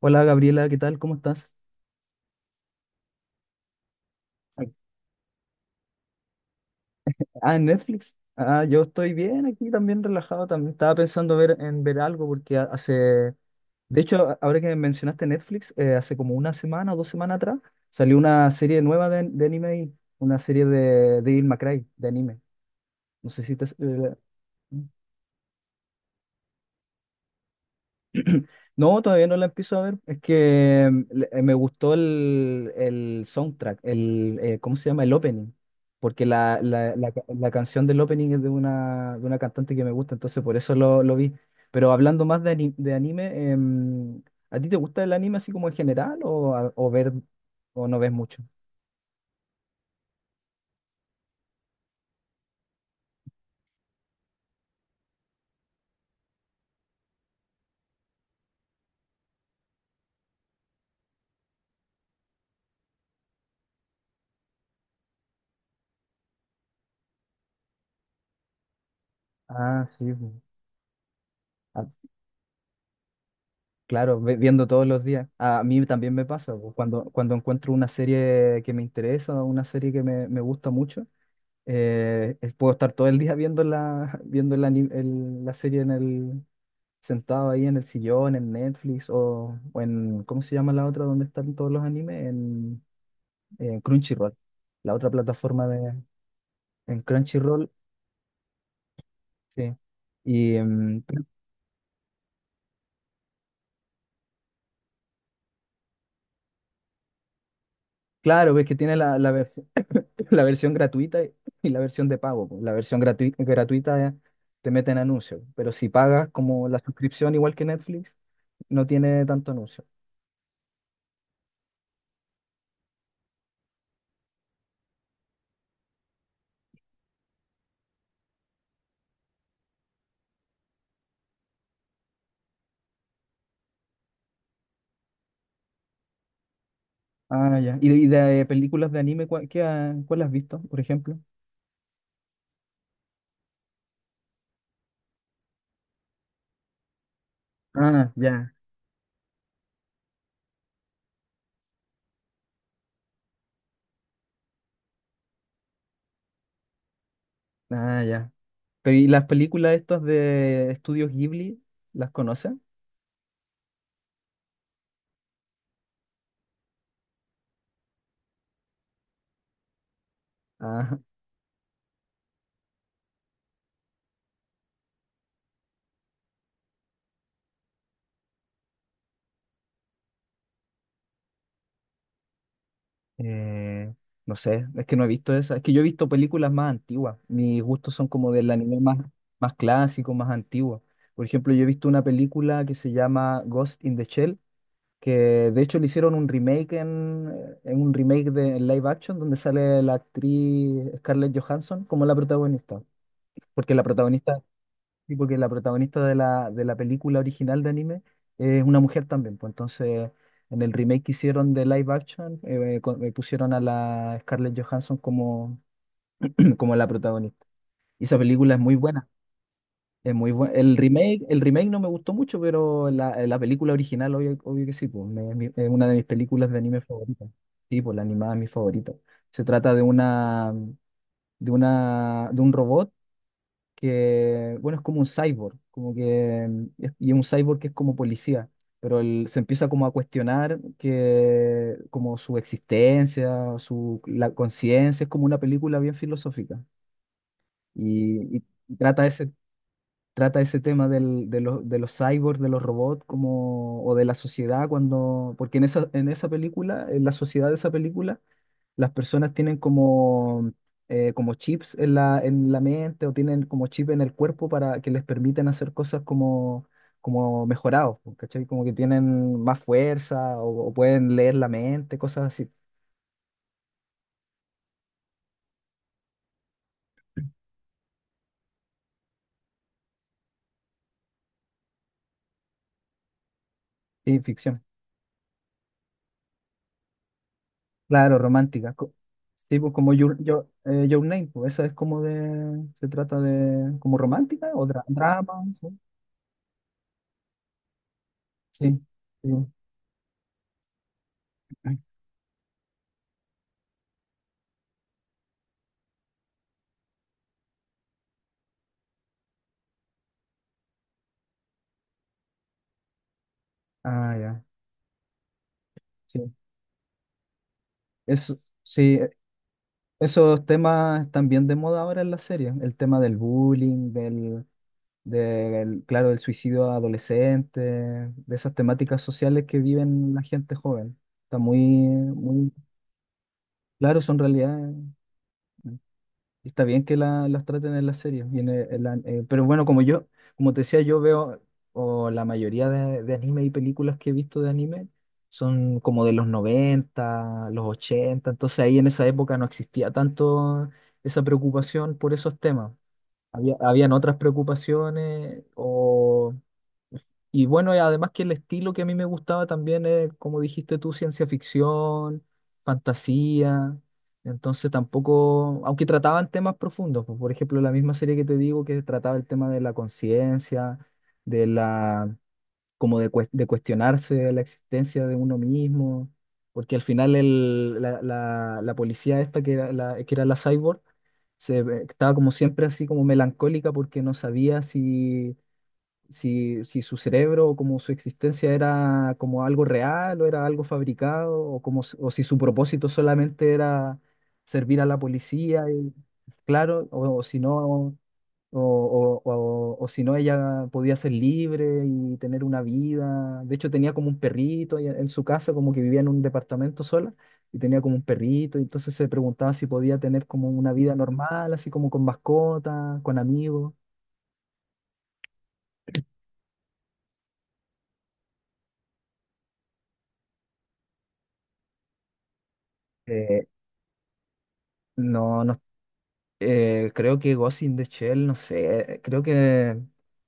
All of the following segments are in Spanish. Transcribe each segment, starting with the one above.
Hola, Gabriela, ¿qué tal? ¿Cómo estás? Ah, en Netflix. Ah, yo estoy bien aquí también, relajado. También estaba pensando ver, en ver algo porque hace... De hecho, ahora que mencionaste Netflix, hace como una semana o dos semanas atrás salió una serie nueva de anime, una serie de Devil May Cry, de anime. No sé si te... no, todavía no la empiezo a ver. Es que me gustó el soundtrack, el, ¿cómo se llama? El opening. Porque la canción del opening es de una cantante que me gusta, entonces por eso lo vi. Pero hablando más de, de anime, ¿a ti te gusta el anime así como en general o, o ver o no ves mucho? Ah, sí, pues. Ah, claro, viendo todos los días. A mí también me pasa, pues, cuando encuentro una serie que me interesa, una serie que me gusta mucho. Puedo estar todo el día viendo la, viendo el la serie en el, sentado ahí en el sillón, en Netflix o en, ¿cómo se llama la otra donde están todos los animes? En Crunchyroll, la otra plataforma de, en Crunchyroll, sí. Y pero claro, ves que tiene la versión gratuita y la versión de pago, pues. La versión gratuita, te meten anuncios, pero si pagas como la suscripción, igual que Netflix, no tiene tanto anuncio. Ah, ya. ¿Y y de películas de anime, cuál, cuál has visto, por ejemplo? Ah, ya. Ah, ya. Pero ¿y las películas estas de Estudios Ghibli, las conoces? Ah, eh, no sé, es que no he visto esas. Es que yo he visto películas más antiguas. Mis gustos son como del anime más, más clásico, más antiguo. Por ejemplo, yo he visto una película que se llama Ghost in the Shell, que de hecho le hicieron un remake en, un remake de en live action donde sale la actriz Scarlett Johansson como la protagonista. Porque la protagonista, sí, porque la protagonista de la película original de anime es una mujer también, pues entonces en el remake que hicieron de live action, pusieron a la Scarlett Johansson como, como la protagonista. Y esa película es muy buena, es muy buena. El remake no me gustó mucho, pero la, la película original, obvio, obvio que sí, pues, es una de mis películas de anime favoritas. Sí, pues la animada es mi favorita. Se trata de una de una, de un robot que, bueno, es como un cyborg, como que, y es un cyborg que es como policía, pero él se empieza como a cuestionar que, como su existencia, su, la conciencia, es como una película bien filosófica, y trata ese, trata ese tema del, de los cyborgs, de los robots, como, o de la sociedad, cuando, porque en esa película, en la sociedad de esa película, las personas tienen como, como chips en la mente, o tienen como chip en el cuerpo para que les permiten hacer cosas como, como mejorados, po, ¿cachai? Como que tienen más fuerza o pueden leer la mente, cosas así. Sí, ficción. Claro, romántica. Sí, pues como Your, Your, Your Name, pues esa es como de, se trata de, como romántica o drama, sí. Sí. Sí. Ah, ya. Sí. Eso, sí, esos temas están bien de moda ahora en la serie. El tema del bullying, del, del, claro, del suicidio adolescente, de esas temáticas sociales que viven la gente joven. Está muy, muy claro, son realidades. Y está bien que las traten en las series, y en pero bueno, como yo, como te decía, yo veo, o la mayoría de anime y películas que he visto de anime son como de los noventa, los ochenta, entonces ahí en esa época no existía tanto esa preocupación por esos temas. Había, habían otras preocupaciones o, y bueno, y además que el estilo que a mí me gustaba también es, como dijiste tú, ciencia ficción, fantasía. Entonces tampoco, aunque trataban temas profundos, pues, por ejemplo, la misma serie que te digo que trataba el tema de la conciencia, de la, como de, de cuestionarse la existencia de uno mismo, porque al final el, la policía esta que era la cyborg, se, estaba como siempre así como melancólica porque no sabía si si, si su cerebro o como su existencia era como algo real o era algo fabricado o, como, o si su propósito solamente era servir a la policía, y, claro, o si no, o, o si no ella podía ser libre y tener una vida. De hecho tenía como un perrito y en su casa, como que vivía en un departamento sola. Y tenía como un perrito, y entonces se preguntaba si podía tener como una vida normal, así como con mascotas, con amigos. Eh, no, no. Creo que Ghost in the Shell, no sé, creo que,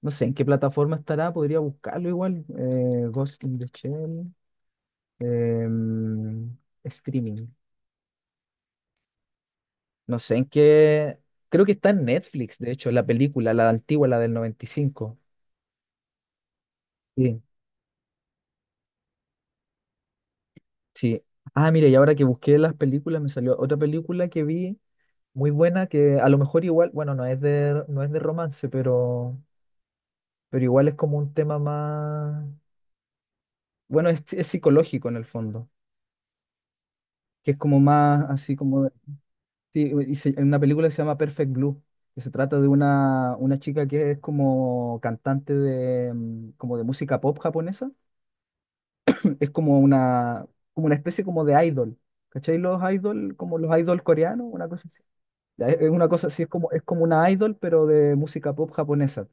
no sé en qué plataforma estará, podría buscarlo igual. Ghost in the Shell, em, streaming. No sé en qué, creo que está en Netflix, de hecho, la película, la antigua, la del 95. Sí, sí. Ah, mira, y ahora que busqué las películas, me salió otra película que vi muy buena, que a lo mejor igual, bueno, no es de, no es de romance, pero igual es como un tema más, bueno, es psicológico en el fondo. Que es como más así como... Sí, y hay una película que se llama Perfect Blue, que se trata de una chica que es como cantante de, como de música pop japonesa. Es como una especie como de idol. ¿Cachai? Los idol, como los idol coreanos, una cosa así. Ya, es una cosa así, es como una idol, pero de música pop japonesa.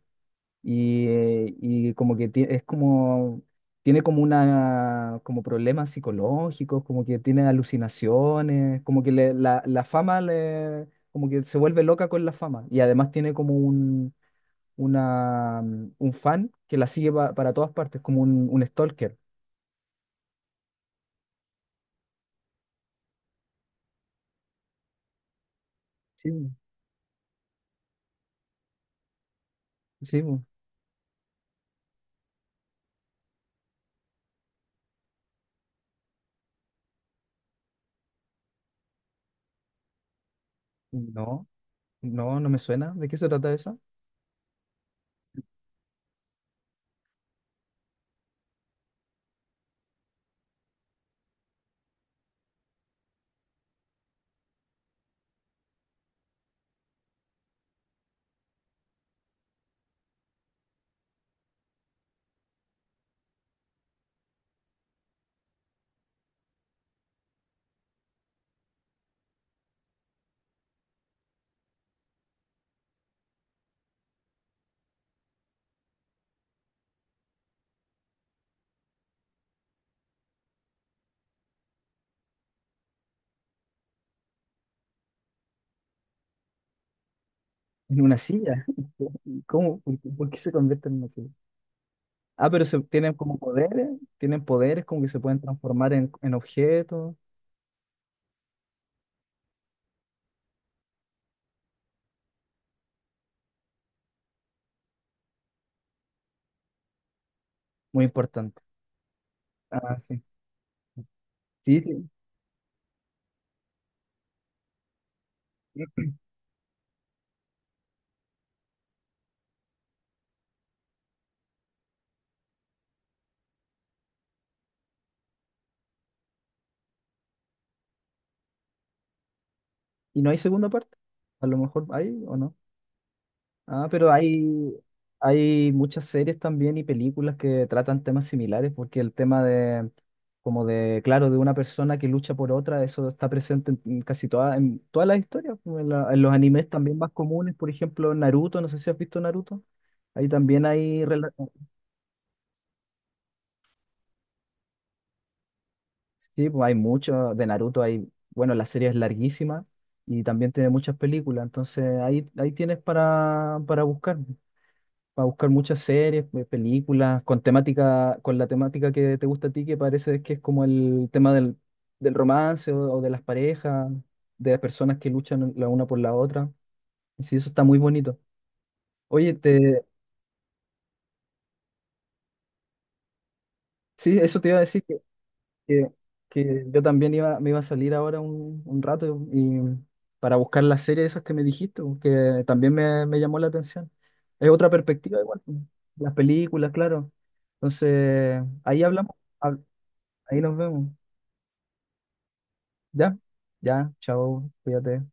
Y como que es como, tiene como una, como problemas psicológicos, como que tiene alucinaciones, como que la, la fama le, como que se vuelve loca con la fama. Y además tiene como un, una, un fan que la sigue para todas partes, como un stalker. Sí, bu. Sí, bu. No, no, no me suena. ¿De qué se trata eso? ¿En una silla? ¿Cómo? Por qué se convierte en una silla? Ah, pero se, tienen como poderes, tienen poderes como que se pueden transformar en objetos. Muy importante. Ah, sí. Sí, sí. ¿Y no hay segunda parte? A lo mejor hay o no. Ah, pero hay muchas series también y películas que tratan temas similares, porque el tema de, como de, claro, de una persona que lucha por otra, eso está presente en casi todas, en todas las historias, como en, en los animes también más comunes, por ejemplo, Naruto, no sé si has visto Naruto, ahí también hay, sí, pues hay mucho de Naruto, hay, bueno, la serie es larguísima y también tiene muchas películas, entonces ahí, ahí tienes para buscar muchas series, películas, con temática, con la temática que te gusta a ti, que parece que es como el tema del, del romance o de las parejas, de las personas que luchan la una por la otra. Y sí, eso está muy bonito. Oye, te, sí, eso te iba a decir, que, que yo también iba, me iba a salir ahora un rato y para buscar las series esas que me dijiste, po, que también me llamó la atención. Es otra perspectiva igual, pues, las películas, claro. Entonces, ahí hablamos, hab- ahí nos vemos. Ya, ya, chao, cuídate.